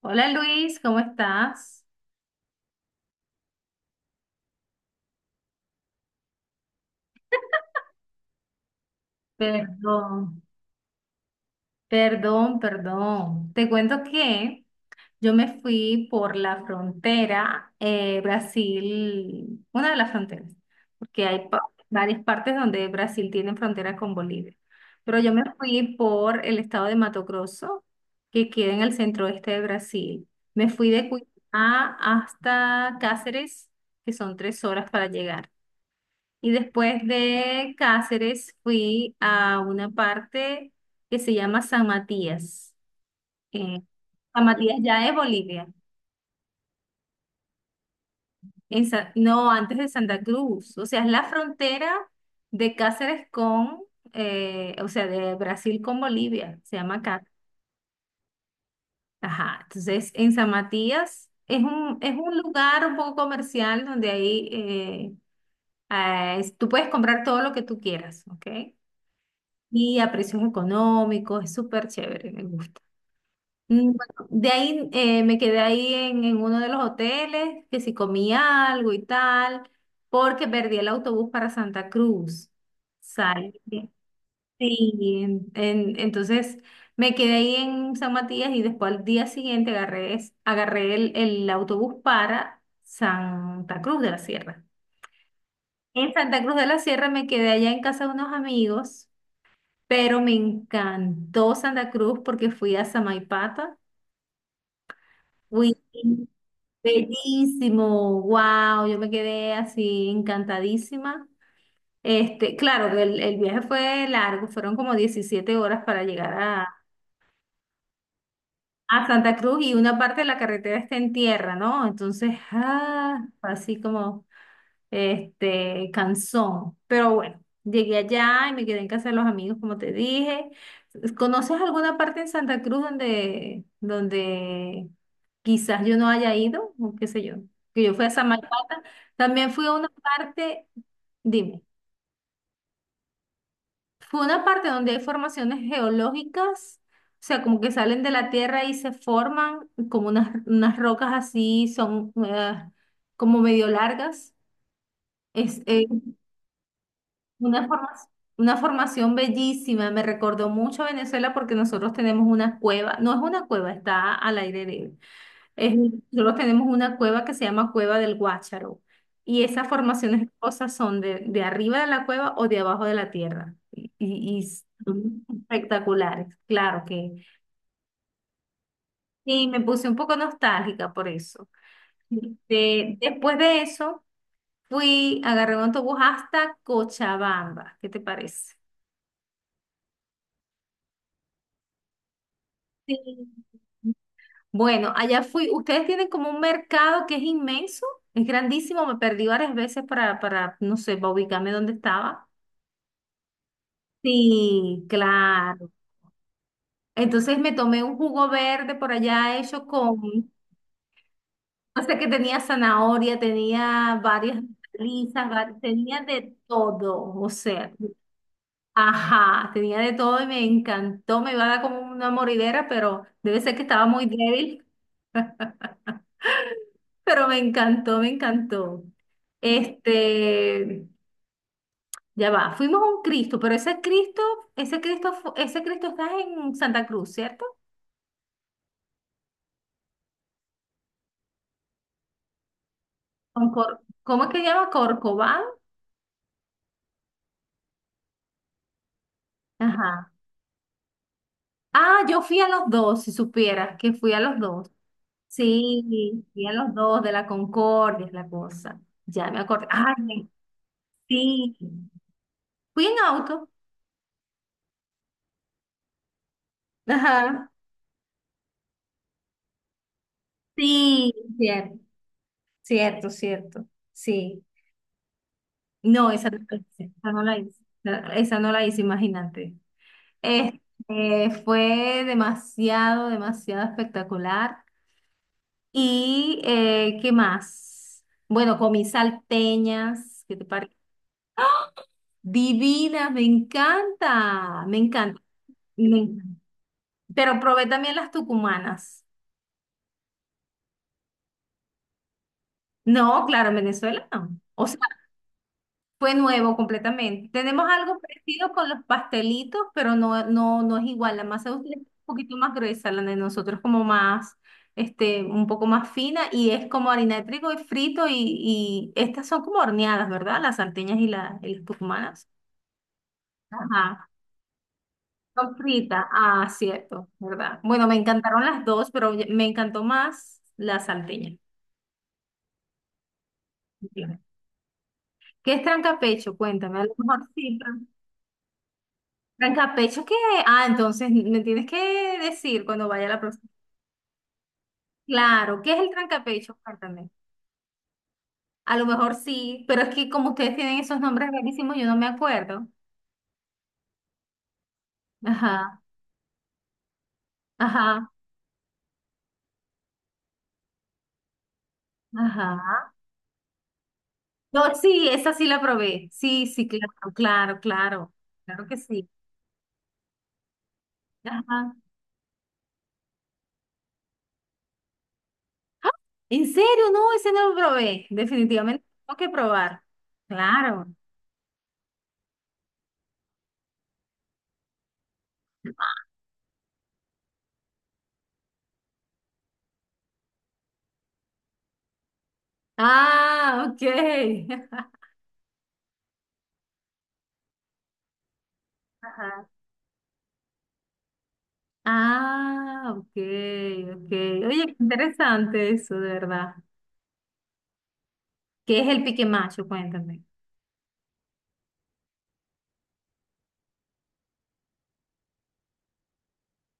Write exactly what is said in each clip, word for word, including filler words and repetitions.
Hola Luis, ¿cómo estás? Perdón, perdón, perdón. Te cuento que yo me fui por la frontera eh, Brasil, una de las fronteras, porque hay pa- varias partes donde Brasil tiene frontera con Bolivia. Pero yo me fui por el estado de Mato Grosso, que queda en el centro oeste de Brasil. Me fui de Cuiabá hasta Cáceres, que son tres horas para llegar. Y después de Cáceres fui a una parte que se llama San Matías. Eh, San Matías ya es Bolivia. En Sa- no, antes de Santa Cruz. O sea, es la frontera de Cáceres con, eh, o sea, de Brasil con Bolivia. Se llama acá. Ajá. Entonces, en San Matías es un, es un lugar un poco comercial donde ahí eh, ah, es- tú puedes comprar todo lo que tú quieras, ¿ok? Y a precios económicos, es súper chévere, me gusta. Mm, Bueno, de ahí eh, me quedé ahí en, en uno de los hoteles, que si comí algo y tal, porque perdí el autobús para Santa Cruz. Sale. Sí, en- en- entonces me quedé ahí en San Matías y después al día siguiente agarré, es- agarré el, el autobús para Santa Cruz de la Sierra. En Santa Cruz de la Sierra me quedé allá en casa de unos amigos, pero me encantó Santa Cruz porque fui a Samaipata. Uy, bellísimo, wow, yo me quedé así encantadísima. Este, claro, el, el viaje fue largo, fueron como diecisiete horas para llegar a, a Santa Cruz, y una parte de la carretera está en tierra, ¿no? Entonces, ah, fue así como este, Canzón. Pero bueno, llegué allá y me quedé en casa de los amigos, como te dije. ¿Conoces alguna parte en Santa Cruz donde, donde quizás yo no haya ido? O qué sé yo. Que yo fui a Samaipata. También fui a una parte, dime, fue una parte donde hay formaciones geológicas. O sea, como que salen de la tierra y se forman como unas, unas rocas así, son eh, como medio largas. Es, eh, Una forma- una formación bellísima, me recordó mucho a Venezuela porque nosotros tenemos una cueva, no es una cueva, está al aire libre. Es, Nosotros tenemos una cueva que se llama Cueva del Guácharo, y esas formaciones rocosas son de, de arriba de la cueva o de abajo de la tierra, y, y- y son espectaculares, claro que. Y me puse un poco nostálgica por eso. Este, después de eso, fui, agarré un autobús hasta Cochabamba, ¿qué te parece? Sí. Bueno, allá fui. Ustedes tienen como un mercado que es inmenso, es grandísimo. Me perdí varias veces para, para, no sé, para ubicarme dónde estaba. Sí, claro. Entonces me tomé un jugo verde por allá hecho con, o sea, que tenía zanahoria, tenía varias lisas, tenía de todo, o sea, ajá, tenía de todo y me encantó. Me iba a dar como una moridera, pero debe ser que estaba muy débil, pero me encantó, me encantó. Este. Ya va, fuimos a un Cristo, pero ese Cristo, ese Cristo, fu- ese Cristo está en Santa Cruz, ¿cierto? Con Cor- ¿Cómo es que se llama? Corcovado. Ajá. Ah, yo fui a los dos, si supieras que fui a los dos. Sí, fui a los dos de la Concordia, es la cosa. Ya me acordé. Ay, me- sí. Fui en auto. Ajá. Sí, cierto, cierto, cierto. Sí. No, esa no Esa no la hice, esa no la hice, imagínate. Este, Fue demasiado, demasiado espectacular. ¿Y eh, qué más? Bueno, comí salteñas, ¿qué te parece? Divinas, me encanta, me encanta, me encanta. Pero probé también las tucumanas. No, claro, en Venezuela no. Fue nuevo completamente. Tenemos algo parecido con los pastelitos, pero no, no, no es igual. La masa de ustedes es un poquito más gruesa, la de nosotros como más, este, un poco más fina, y es como harina de trigo y frito, y, y, estas son como horneadas, ¿verdad? Las salteñas y, la, y las tucumanas. Ajá, son fritas. Ah, cierto, ¿verdad? Bueno, me encantaron las dos, pero ya- me encantó más la salteña. Bien. ¿Qué es trancapecho? Cuéntame, a lo mejor sí. Trancapecho, ¿qué? Ah, entonces me tienes que decir cuando vaya la próxima. Claro, ¿qué es el trancapecho? Cuéntame. A lo mejor sí, pero es que como ustedes tienen esos nombres rarísimos, yo no me acuerdo. Ajá, ajá, ajá. No, sí, esa sí la probé. Sí, sí, claro, claro, claro. Claro que sí. Ajá. ¡Ah! ¿En serio? No, ese no lo probé. Definitivamente tengo que probar. Claro. Ah, ok. Ajá. Ah, ok, ok. Oye, qué interesante eso, de verdad. ¿Qué es el pique macho? Cuéntame.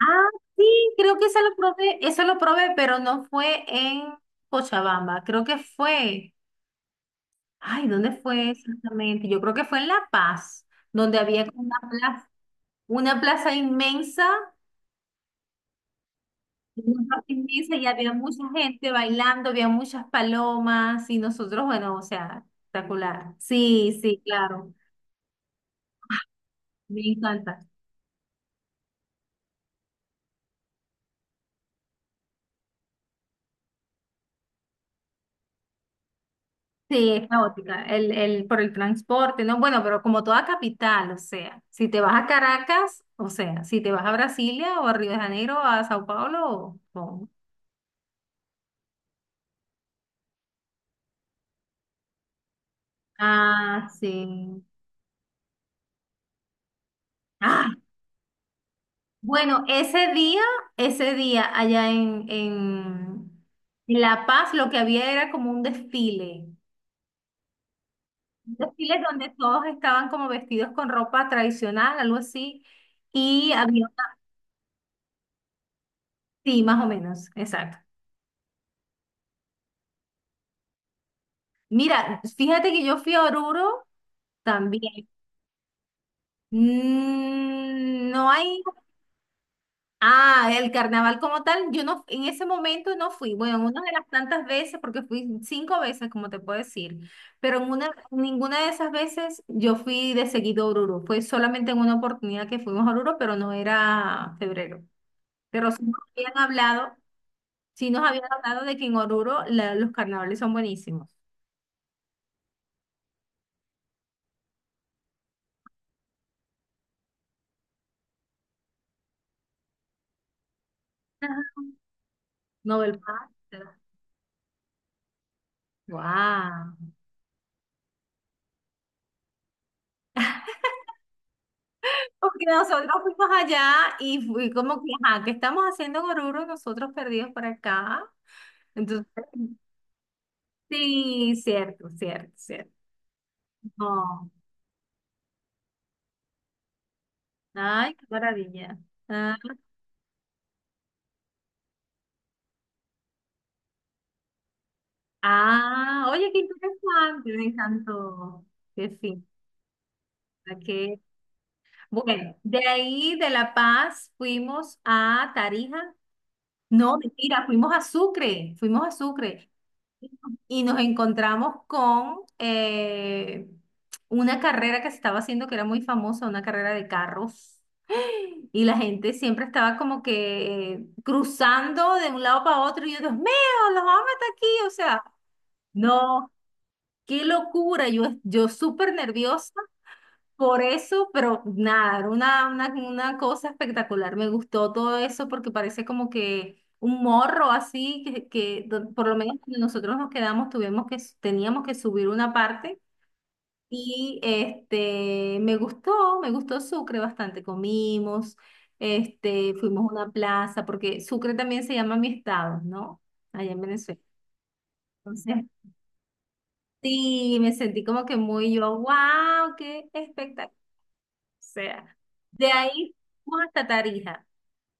Ah, sí, creo que eso lo probé, eso lo probé, pero no fue en Cochabamba, creo que fue, ay, ¿dónde fue exactamente? Yo creo que fue en La Paz, donde había como una plaza, una plaza inmensa, una plaza inmensa y había mucha gente bailando, había muchas palomas y nosotros, bueno, o sea, espectacular. Sí, sí, claro, me encanta. Sí, es caótica, el, el, por el transporte, ¿no? Bueno, pero como toda capital, o sea, si te vas a Caracas, o sea, si te vas a Brasilia, o a Río de Janeiro, a Sao Paulo, o... Ah, sí. Ah, bueno, ese día, ese día allá en, en en La Paz, lo que había era como un desfile, un desfile donde todos estaban como vestidos con ropa tradicional, algo así, y había, sí, más o menos, exacto. Mira, fíjate que yo fui a Oruro también. Mm, No hay. Ah, el carnaval como tal, yo no, en ese momento no fui. Bueno, en una de las tantas veces, porque fui cinco veces, como te puedo decir, pero en una, ninguna de esas veces yo fui de seguido a Oruro. Fue solamente en una oportunidad que fuimos a Oruro, pero no era febrero. Pero sí nos habían hablado, sí nos habían hablado de que en Oruro la- los carnavales son buenísimos. Ajá. Nobel Paz. ¡Wow! Porque nosotros fuimos allá y fui como que, ajá, ¿qué estamos haciendo Goruro nosotros perdidos por acá? Entonces, sí, cierto, cierto, cierto. No. Ay, qué maravilla. Ah, ah, oye, qué interesante, me encantó. Qué fin. qué- Bueno, de ahí de La Paz fuimos a Tarija. No, mentira, fuimos a Sucre, fuimos a Sucre. Y nos encontramos con eh, una carrera que se estaba haciendo que era muy famosa, una carrera de carros. Y la gente siempre estaba como que eh, cruzando de un lado para otro. Y yo, Dios mío, los vamos a meter aquí. O sea, no, qué locura. Yo, yo súper nerviosa. Por eso, pero nada, era una, una, una cosa espectacular. Me gustó todo eso porque parece como que un morro así, que, que do- por lo menos cuando nosotros nos quedamos, tuvimos que, s- teníamos que subir una parte. Y este, me gustó, me gustó Sucre bastante. Comimos, este, fuimos a una plaza, porque Sucre también se llama mi estado, ¿no? Allá en Venezuela. Entonces, sí, me sentí como que muy yo, wow, qué espectacular sea, de ahí fuimos hasta Tarija.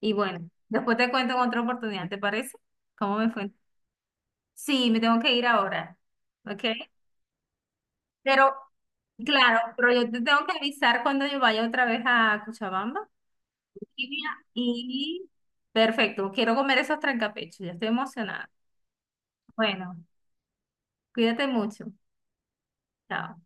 Y bueno, después te cuento en otra oportunidad, ¿te parece? ¿Cómo me fue? Sí, me tengo que ir ahora. ¿Ok? Pero, claro, pero yo te tengo que avisar cuando yo vaya otra vez a Cochabamba. Y, mira, y- perfecto, quiero comer esos trancapechos, ya estoy emocionada. Bueno, cuídate mucho. Chao.